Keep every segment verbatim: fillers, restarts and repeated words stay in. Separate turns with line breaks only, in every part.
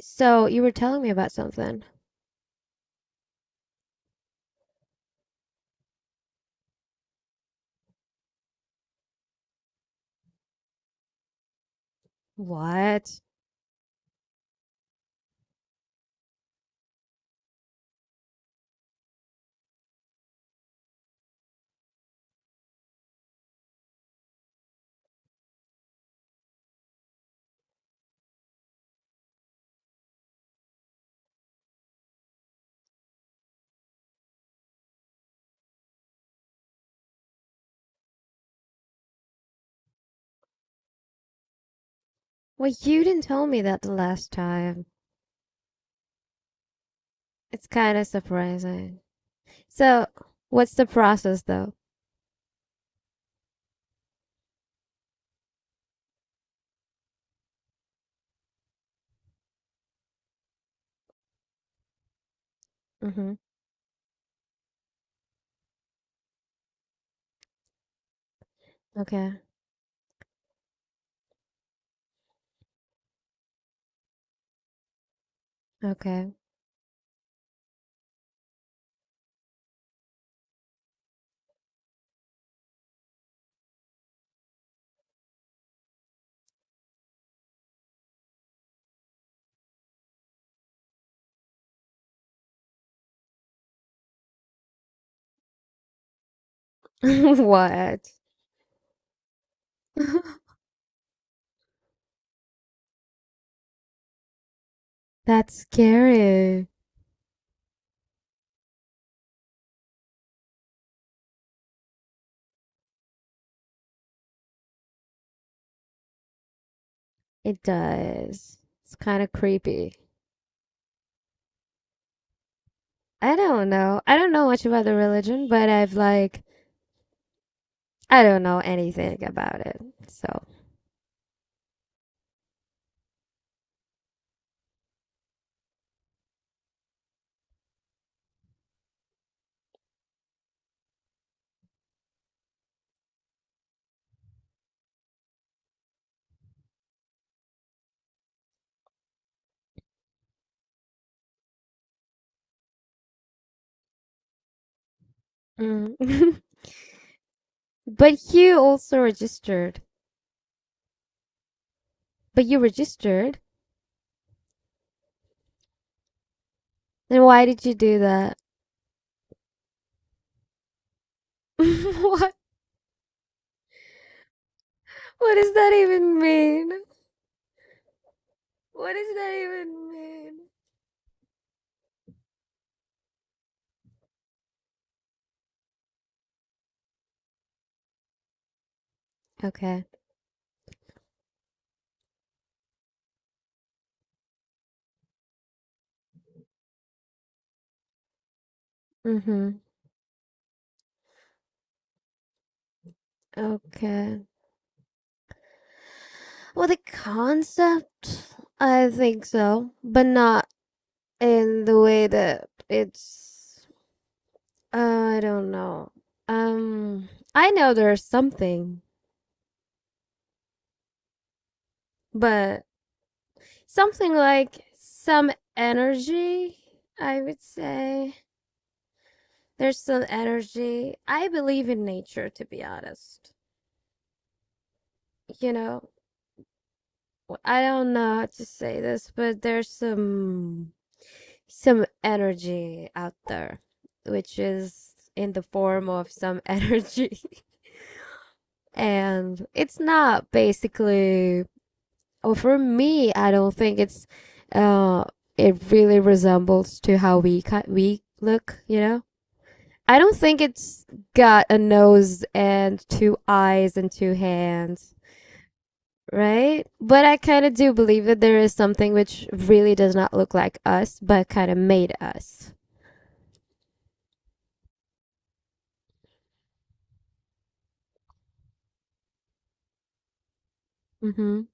So you were telling me about something. What? Well, you didn't tell me that the last time. It's kind of surprising. So, what's the process though? Mm-hmm. Okay. Okay. What? That's scary. It does. It's kind of creepy. I don't know. I don't know much about the religion, but I've like, I don't know anything about it. So, mm. But you also registered. But you registered, then why did you do that? What what does that even mean? What does that even mean? Okay. Mm-hmm. Okay. Well, the concept, I think so, but not in the way that it's uh, I don't know. Um, I know there's something, but something like some energy, I would say. There's some energy. I believe in nature, to be honest. you know, I I don't know how to say this, but there's some some energy out there, which is in the form of some energy. And it's not basically, well, For me, I don't think it's uh it really resembles to how we ki we look, you know? I don't think it's got a nose and two eyes and two hands. Right? But I kind of do believe that there is something which really does not look like us, but kind of made us. Mm-hmm.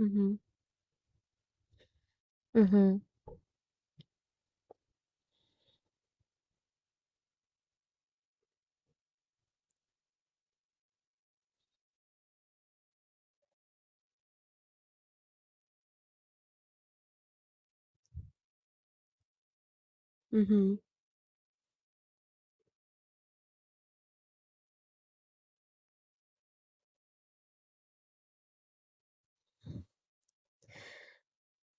Mm-hmm. Mm-hmm. Mm-hmm.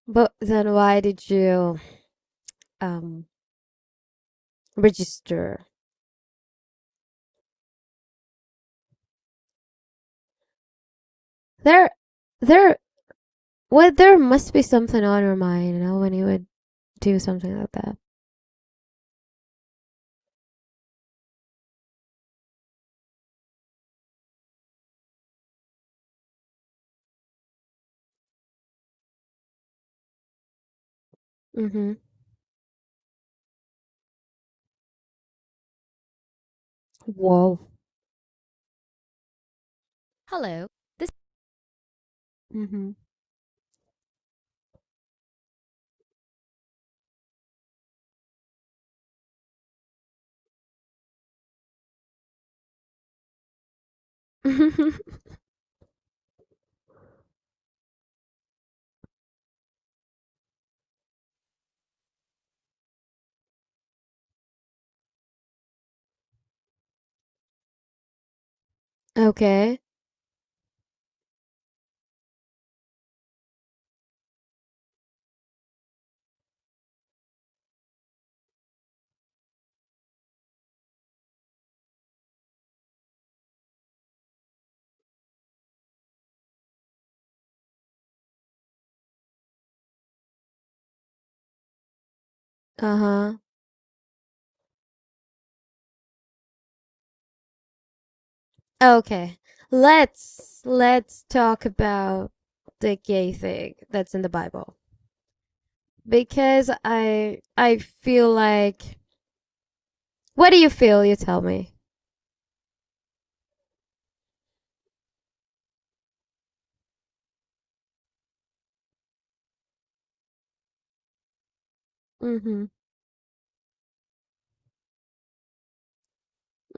But then why did you um register? There there well, there must be something on your mind, you know, when you would do something like that. Mm-hmm. Whoa. Hello. This. Mm-hmm. Okay. Uh-huh. Okay. Let's let's talk about the gay thing that's in the Bible. Because I I feel like what do you feel? You tell me. Mm-hmm.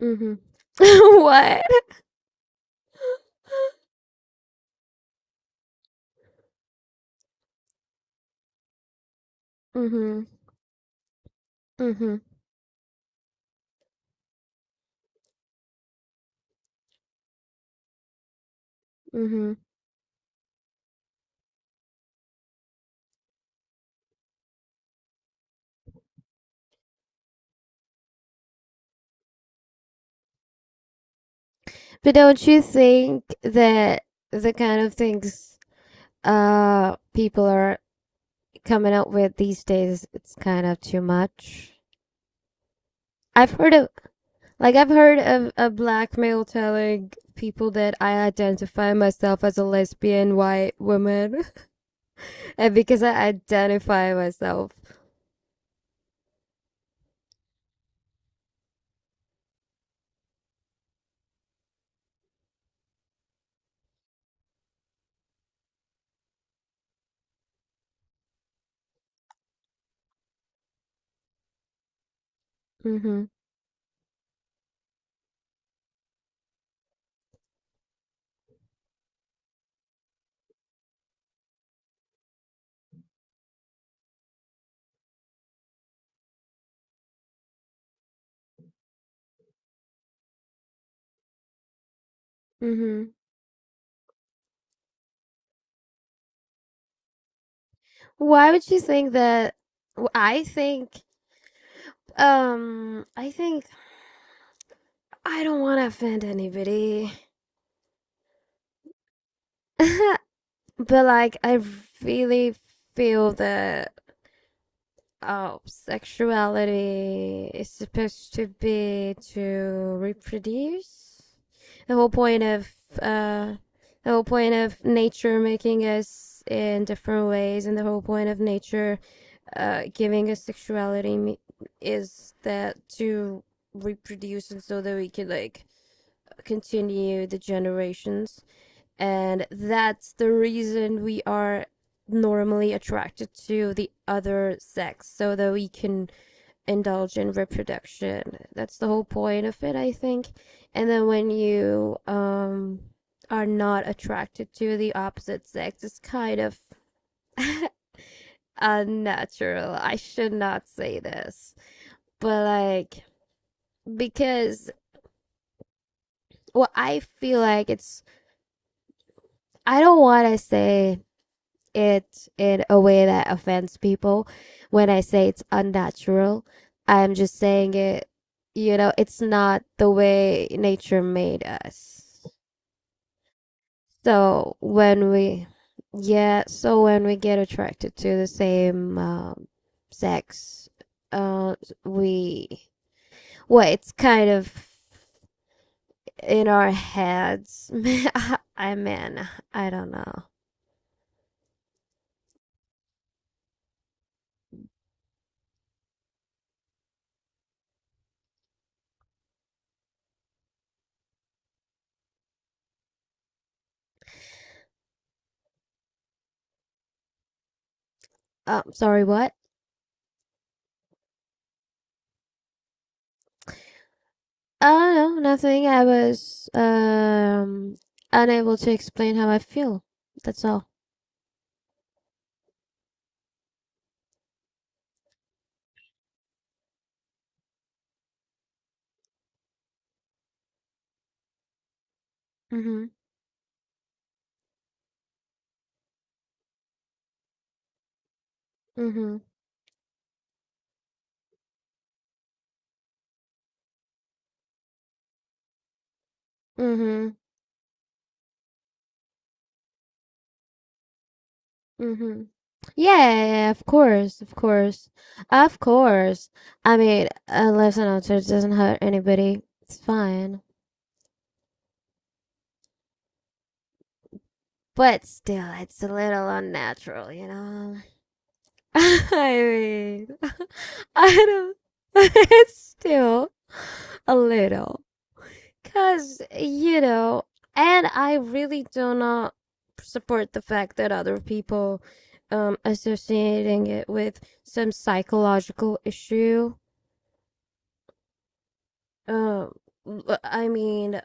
Mm-hmm. What? Mm-hmm. Mm-hmm. Mm-hmm. But don't you think that the kind of things uh people are coming up with these days it's kind of too much? I've heard of like I've heard of a black male telling people that I identify myself as a lesbian white woman. Uh, because I identify myself. Mm-hmm. Mm-hmm. Why would you think that? w- I think, um, I think I don't want to offend anybody. But like, I really feel that uh, sexuality is supposed to be to reproduce. The whole point of uh, the whole point of nature making us in different ways, and the whole point of nature uh, giving us sexuality me- is that to reproduce, and so that we can like continue the generations, and that's the reason we are normally attracted to the other sex so that we can indulge in reproduction. That's the whole point of it, I think. And then when you um are not attracted to the opposite sex, it's kind of unnatural. I should not say this, but like, because, well, I feel like it's, I don't want to say it in a way that offends people. When I say it's unnatural, I'm just saying it, you know, it's not the way nature made us. So when we, yeah, so when we get attracted to the same um, sex, uh, we, well, it's kind of in our heads. I mean, I don't know. Um, sorry, what? Oh, no, nothing. I was um unable to explain how I feel. That's all. Mm-hmm. Mm-hmm. Mm-hmm. Mm-hmm. Yeah, yeah, of course, of course. Of course. I mean, a life's an altitude doesn't hurt anybody. It's fine. But still, it's a little unnatural, you know? I mean, I don't, it's still a little. Cause, you know, and I really do not support the fact that other people um associating it with some psychological issue. Um I mean,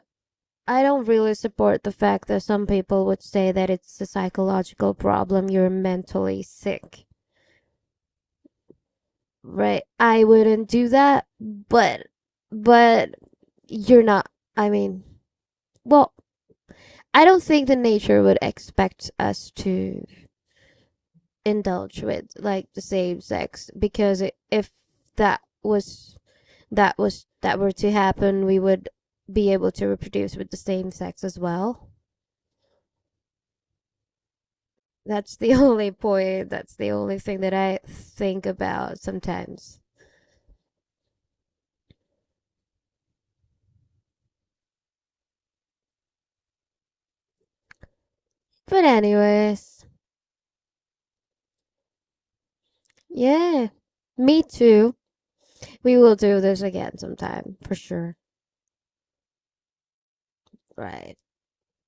I don't really support the fact that some people would say that it's a psychological problem, you're mentally sick. Right? I wouldn't do that, but but you're not, I mean, well, I don't think the nature would expect us to indulge with like the same sex because if that was that was that were to happen we would be able to reproduce with the same sex as well. That's the only point, that's the only thing that I think about sometimes. But anyways, yeah, me too, we will do this again sometime for sure. Right.